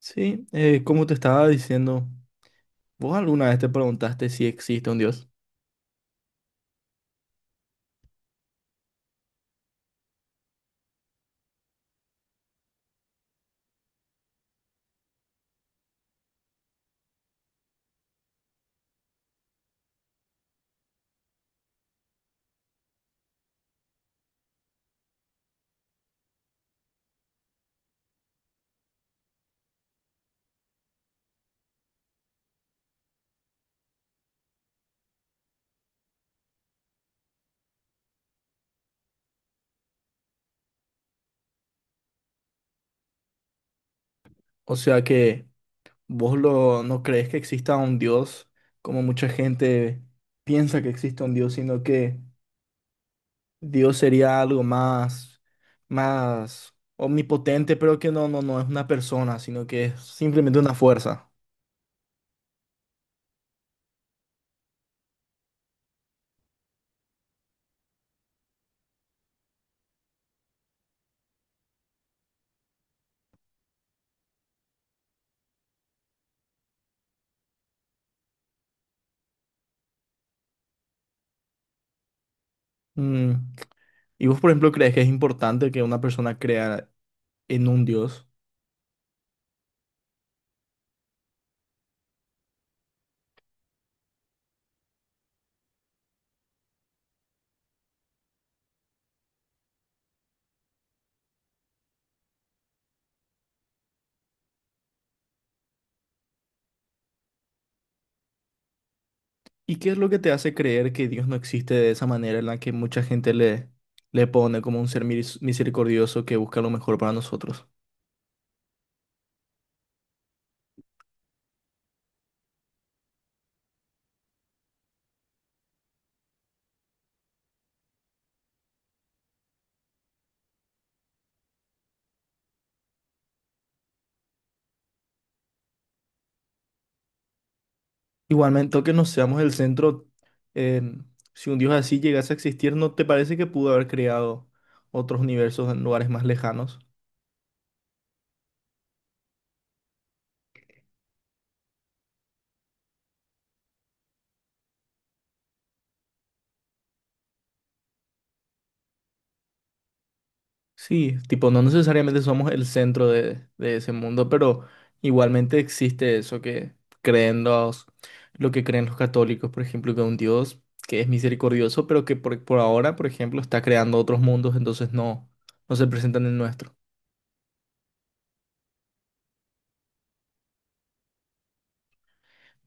Sí, como te estaba diciendo, ¿vos alguna vez te preguntaste si existe un Dios? O sea que vos no crees que exista un Dios como mucha gente piensa que existe un Dios, sino que Dios sería algo más, más omnipotente, pero que no, no, no es una persona, sino que es simplemente una fuerza. Mm, ¿y vos, por ejemplo, crees que es importante que una persona crea en un Dios? ¿Y qué es lo que te hace creer que Dios no existe de esa manera en la que mucha gente le pone como un ser misericordioso que busca lo mejor para nosotros? Igualmente, que no seamos el centro, eh, si un Dios así llegase a existir, ¿no te parece que pudo haber creado otros universos en lugares más lejanos? Sí, tipo, no necesariamente somos el centro de ese mundo, pero igualmente existe eso que creen los, lo que creen los católicos, por ejemplo, que un Dios que es misericordioso, pero que por ahora, por ejemplo, está creando otros mundos, entonces no se presentan en nuestro.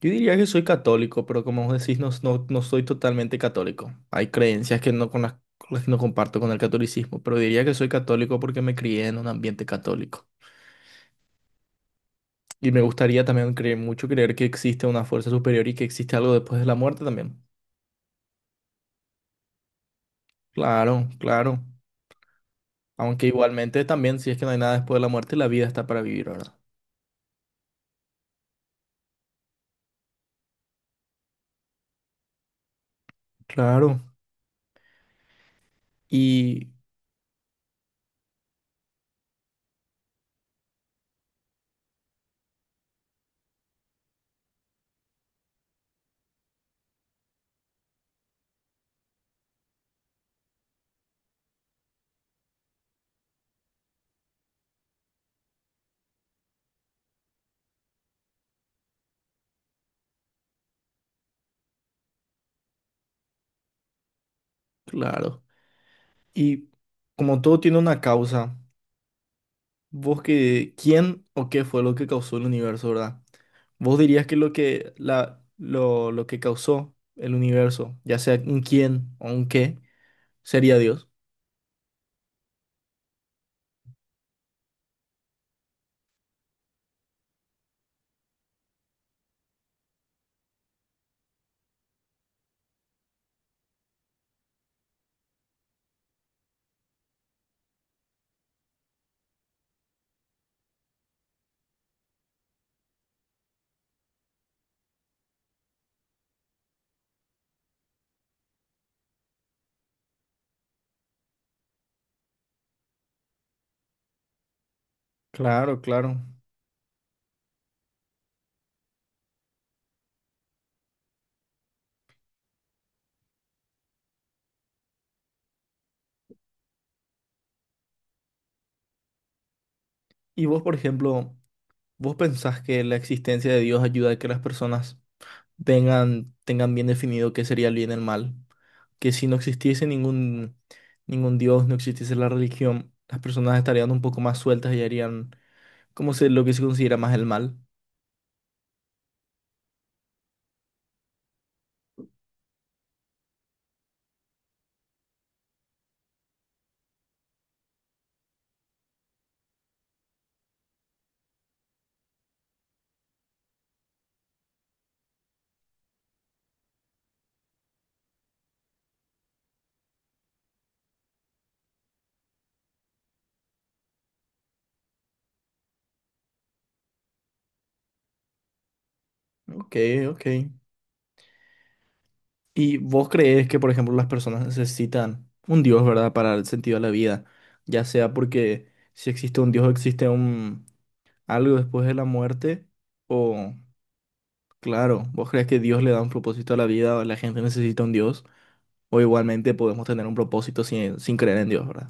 Yo diría que soy católico, pero como vos decís, no soy totalmente católico. Hay creencias que no, con con las que no comparto con el catolicismo, pero diría que soy católico porque me crié en un ambiente católico. Y me gustaría también creer que existe una fuerza superior y que existe algo después de la muerte también. Claro, claro. Aunque igualmente también, si es que no hay nada después de la muerte, la vida está para vivir, ¿verdad? Claro. Y claro. Y como todo tiene una causa, ¿quién o qué fue lo que causó el universo, ¿verdad? ¿Vos dirías que lo que causó el universo, ya sea un quién o un qué, sería Dios? Claro, claro. Y vos, por ejemplo, ¿vos pensás que la existencia de Dios ayuda a que las personas tengan bien definido qué sería el bien y el mal? Que si no existiese ningún Dios, no existiese la religión, las personas estarían un poco más sueltas y harían lo que se considera más el mal. Ok, ok. ¿Y vos crees que, por ejemplo, las personas necesitan un Dios, ¿verdad?, para el sentido de la vida, ya sea porque si existe un Dios, existe un algo después de la muerte, o... Claro, ¿vos crees que Dios le da un propósito a la vida o la gente necesita un Dios? O igualmente podemos tener un propósito sin creer en Dios, ¿verdad?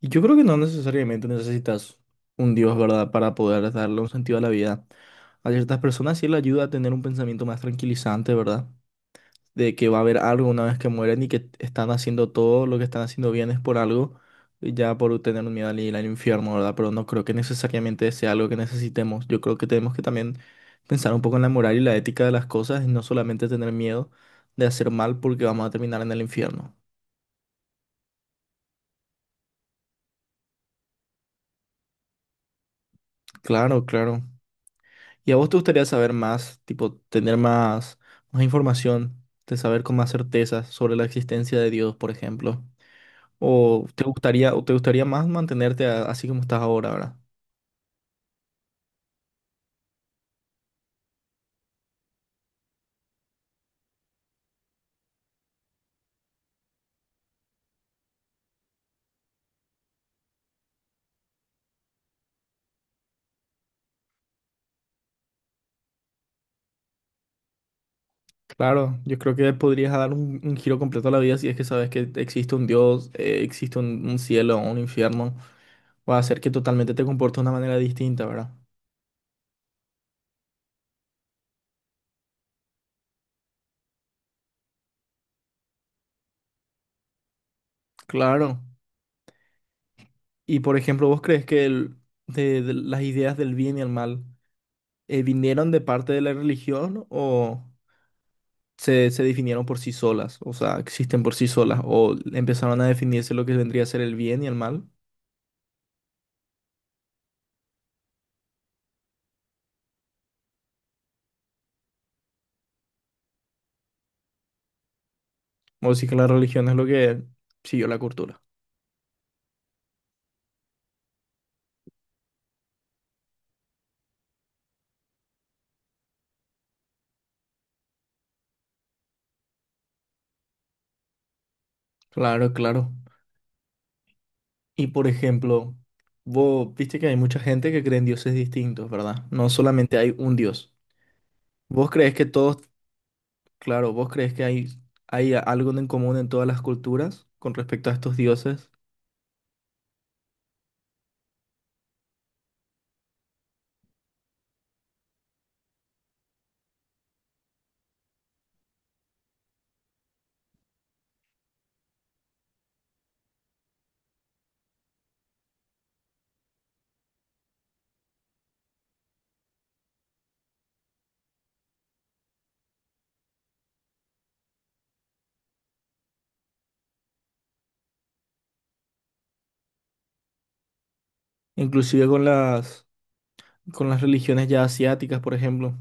Y yo creo que no necesariamente necesitas un Dios, ¿verdad? Para poder darle un sentido a la vida. A ciertas personas sí le ayuda a tener un pensamiento más tranquilizante, ¿verdad? De que va a haber algo una vez que mueren y que están haciendo todo lo que están haciendo bien es por algo, ya por tener un miedo al ir al infierno, ¿verdad? Pero no creo que necesariamente sea algo que necesitemos. Yo creo que tenemos que también pensar un poco en la moral y la ética de las cosas y no solamente tener miedo de hacer mal porque vamos a terminar en el infierno. Claro, claro. ¿Y a vos te gustaría saber más, tipo, más información, de saber con más certeza sobre la existencia de Dios, por ejemplo? O te gustaría más mantenerte así como estás ahora, ¿verdad? Claro, yo creo que podrías dar un giro completo a la vida si es que sabes que existe un Dios, existe un cielo, un infierno. Va a hacer que totalmente te comportes de una manera distinta, ¿verdad? Claro. Y por ejemplo, ¿vos crees que de las ideas del bien y el mal vinieron de parte de la religión o se definieron por sí solas? O sea, existen por sí solas o empezaron a definirse lo que vendría a ser el bien y el mal. O sí que la religión es lo que siguió la cultura. Claro, claro. Y por ejemplo, vos viste que hay mucha gente que cree en dioses distintos, ¿verdad? No solamente hay un dios. ¿Vos crees que todos, claro, vos crees que hay algo en común en todas las culturas con respecto a estos dioses? Inclusive con con las religiones ya asiáticas, por ejemplo.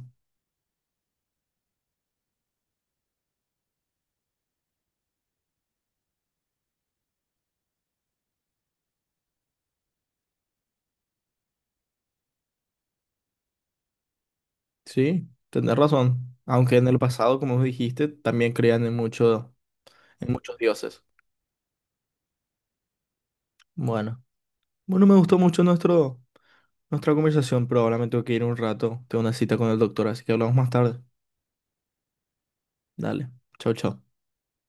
Sí, tenés razón. Aunque en el pasado, como vos dijiste, también creían en mucho, en muchos dioses. Bueno. Bueno, me gustó mucho nuestro nuestra conversación, pero ahora me tengo que ir un rato. Tengo una cita con el doctor, así que hablamos más tarde. Dale. Chao, chao.